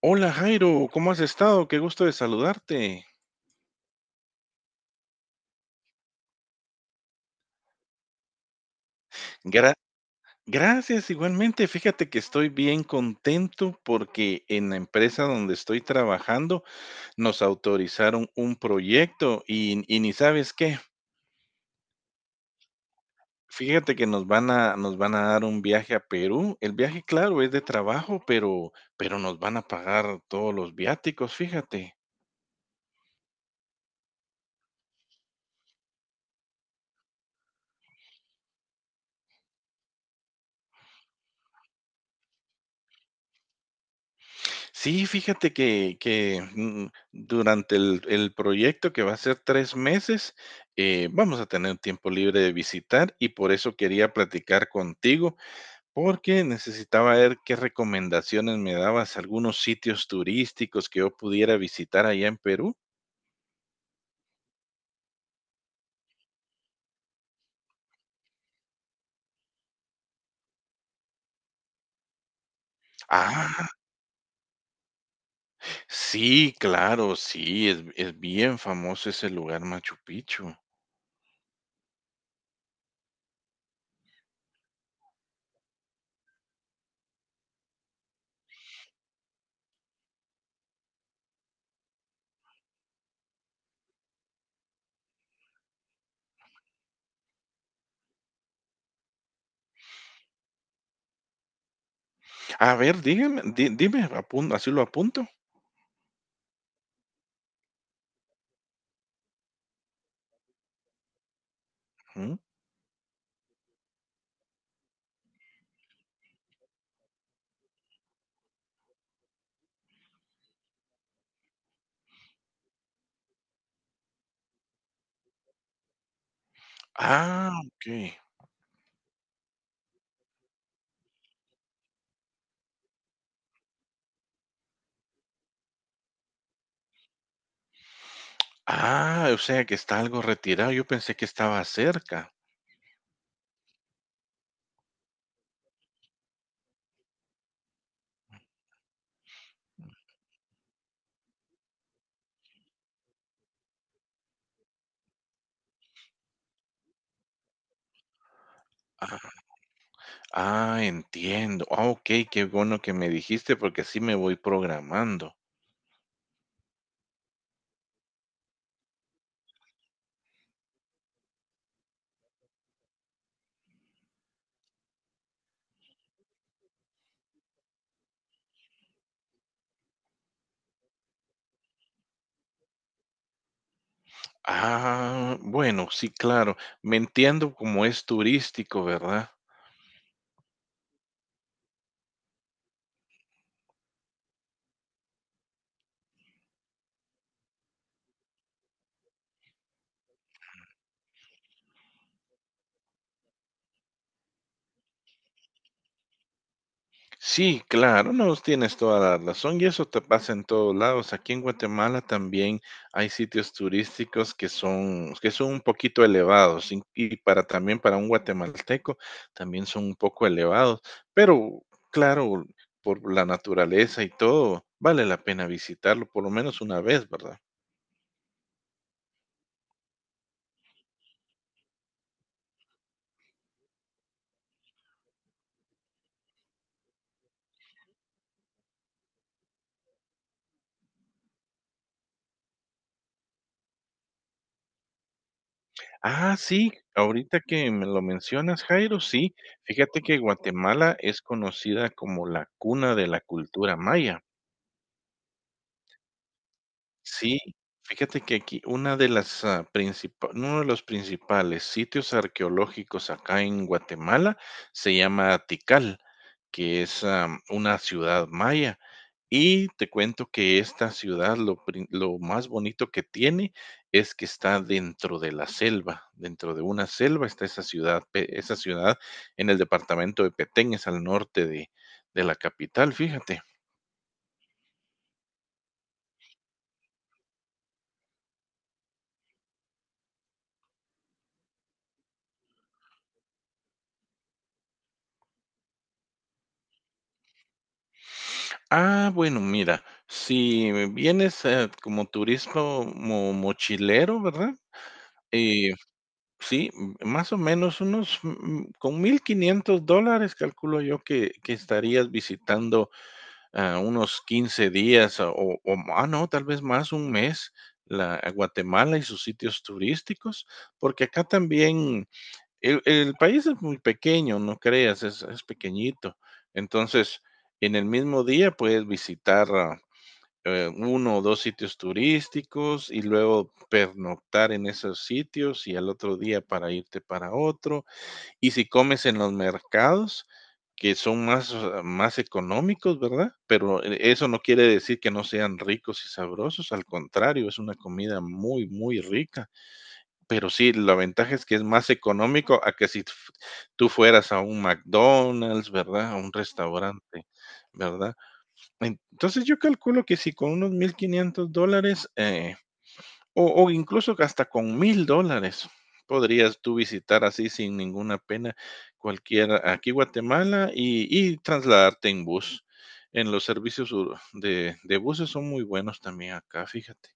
Hola Jairo, ¿cómo has estado? Qué gusto de saludarte. Gra- Gracias, igualmente. Fíjate que estoy bien contento porque en la empresa donde estoy trabajando nos autorizaron un proyecto y ni sabes qué. Fíjate que nos van a dar un viaje a Perú. El viaje, claro, es de trabajo, pero nos van a pagar todos los viáticos, fíjate. Sí, fíjate que durante el proyecto, que va a ser 3 meses, vamos a tener tiempo libre de visitar, y por eso quería platicar contigo, porque necesitaba ver qué recomendaciones me dabas, algunos sitios turísticos que yo pudiera visitar allá en Perú. Ah, sí, claro, sí, es bien famoso ese lugar, Machu Picchu. A ver, dígame, di dime, apun así lo apunto. Ujú. Ah, okey. Ah, o sea que está algo retirado. Yo pensé que estaba cerca. Ah, ah, entiendo. Ah, ok, qué bueno que me dijiste porque así me voy programando. Ah, bueno, sí, claro. Me entiendo como es turístico, ¿verdad? Sí, claro, no, tienes toda la razón y eso te pasa en todos lados. Aquí en Guatemala también hay sitios turísticos que son un poquito elevados y para también para un guatemalteco también son un poco elevados, pero claro, por la naturaleza y todo, vale la pena visitarlo por lo menos una vez, ¿verdad? Ah, sí, ahorita que me lo mencionas, Jairo, sí, fíjate que Guatemala es conocida como la cuna de la cultura maya. Sí, fíjate que aquí una de las, ah, principa uno de los principales sitios arqueológicos acá en Guatemala se llama Tikal, que es, una ciudad maya. Y te cuento que esta ciudad lo más bonito que tiene es que está dentro de la selva, dentro de una selva está esa ciudad, pe esa ciudad en el departamento de Petén, es al norte de la capital, fíjate. Ah, bueno, mira, si vienes, como turismo mo mochilero, ¿verdad? Eh, sí, más o menos unos con $1,500, calculo yo que estarías visitando, ah, unos 15 días ah, no, tal vez más, 1 mes, la a Guatemala y sus sitios turísticos, porque acá también el país es muy pequeño, no creas, es pequeñito. Entonces, en el mismo día puedes visitar uno o dos sitios turísticos y luego pernoctar en esos sitios y al otro día para irte para otro. Y si comes en los mercados, que son más, más económicos, ¿verdad? Pero eso no quiere decir que no sean ricos y sabrosos, al contrario, es una comida muy, muy rica. Pero sí, la ventaja es que es más económico a que si f- tú fueras a un McDonald's, ¿verdad? A un restaurante, ¿verdad? Entonces yo calculo que si con unos $1,500 o incluso que hasta con $1,000 podrías tú visitar así sin ninguna pena cualquier aquí Guatemala y trasladarte en bus. En los servicios de buses son muy buenos también acá, fíjate,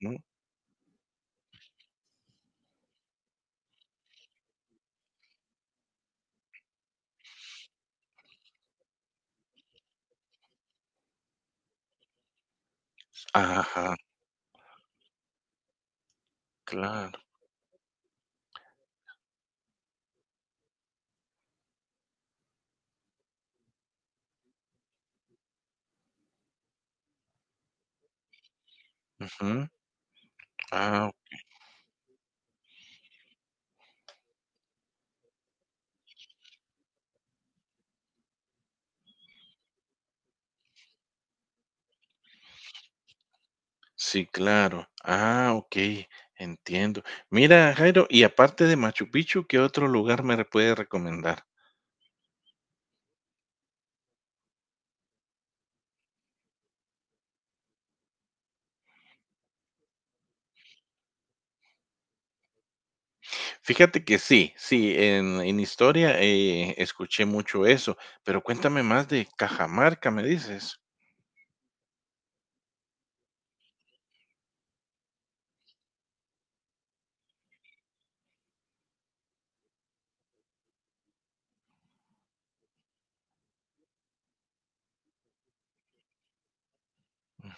¿no? Ajá, claro. Ujú. Ah, sí, claro. Ah, ok, entiendo. Mira, Jairo, y aparte de Machu Picchu, ¿qué otro lugar puede recomendar? Fíjate que sí, sí, en historia, escuché mucho eso, pero cuéntame más de Cajamarca, ¿me dices?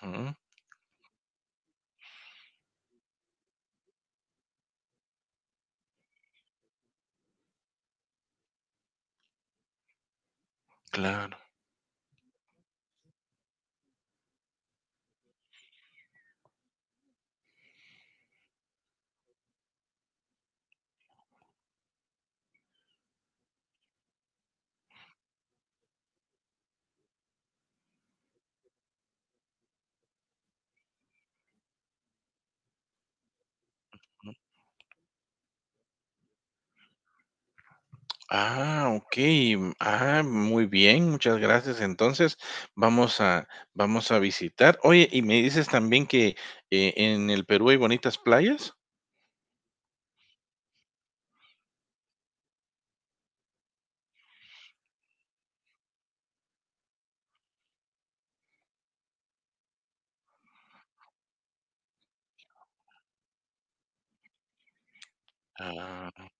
Ujú, claro. Ah, okey, mm, ah, muy bien, muchas gracias. Entonces, vamos a vamos a visitar. Oye, ¿y me dices también que, en el Perú hay bonitas playas? Ah,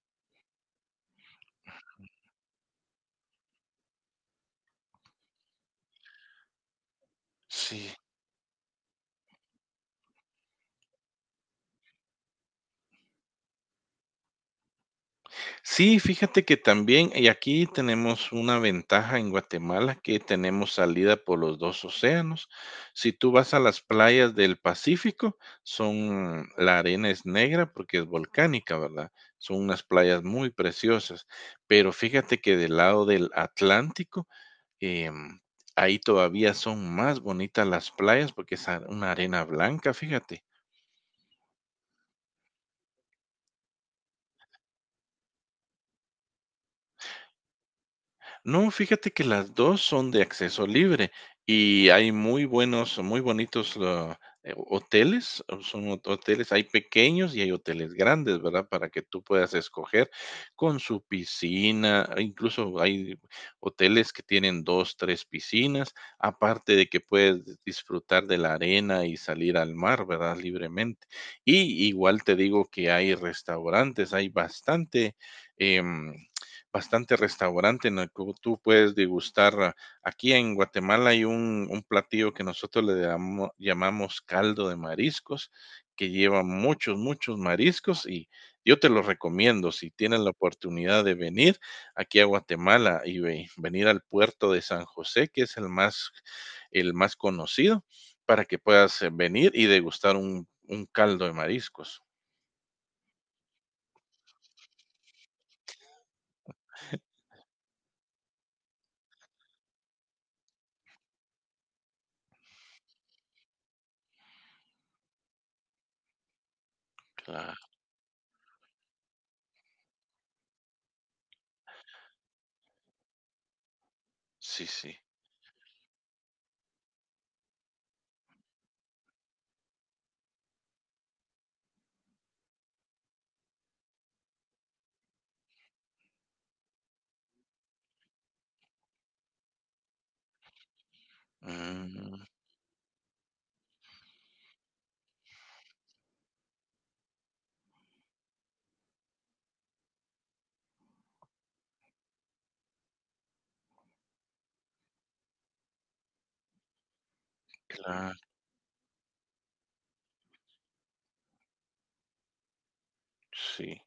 sí. Sí, fíjate que también, y aquí tenemos una ventaja en Guatemala, que tenemos salida por los 2 océanos. Si tú vas a las playas del Pacífico, son la arena es negra porque es volcánica, ¿verdad? Son unas playas muy preciosas, pero fíjate que del lado del Atlántico, em, ahí todavía son más bonitas las playas porque una arena blanca, fíjate. No, fíjate que las 2 son de acceso libre y hay muy buenos, muy bonitos, hoteles, o son ho hoteles, hay pequeños y hay hoteles grandes, ¿verdad? Para que tú puedas escoger con su piscina, e incluso hay hoteles que tienen 2, 3 piscinas, aparte de que puedes disfrutar de la arena y salir al mar, ¿verdad? Libremente. Y igual te digo que hay restaurantes, em, bastante restaurante en el que tú puedes degustar. Ah, Aquí en Guatemala hay un platillo que nosotros llamamos caldo de mariscos, que lleva muchos, muchos mariscos y yo te lo recomiendo si tienes la oportunidad de venir aquí a Guatemala y venir al puerto de San José, que es el más conocido, para que puedas venir y degustar un caldo de mariscos. Claro, sí, sí. Mm, claro, sí.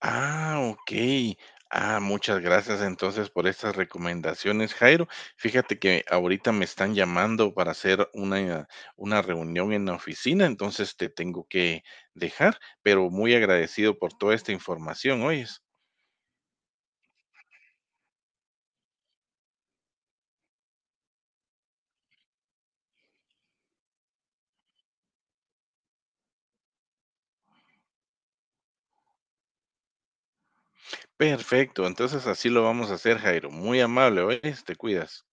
Ah, okey. Ah, muchas gracias, entonces, por estas recomendaciones, Jairo. Fíjate que ahorita me están llamando para hacer una reunión en la oficina, entonces, te tengo que dejar, pero muy agradecido por toda esta información, ¿oyes? Perfecto, entonces, así lo vamos a hacer, Jairo. Muy amable, ¿oyes? Te cuidas.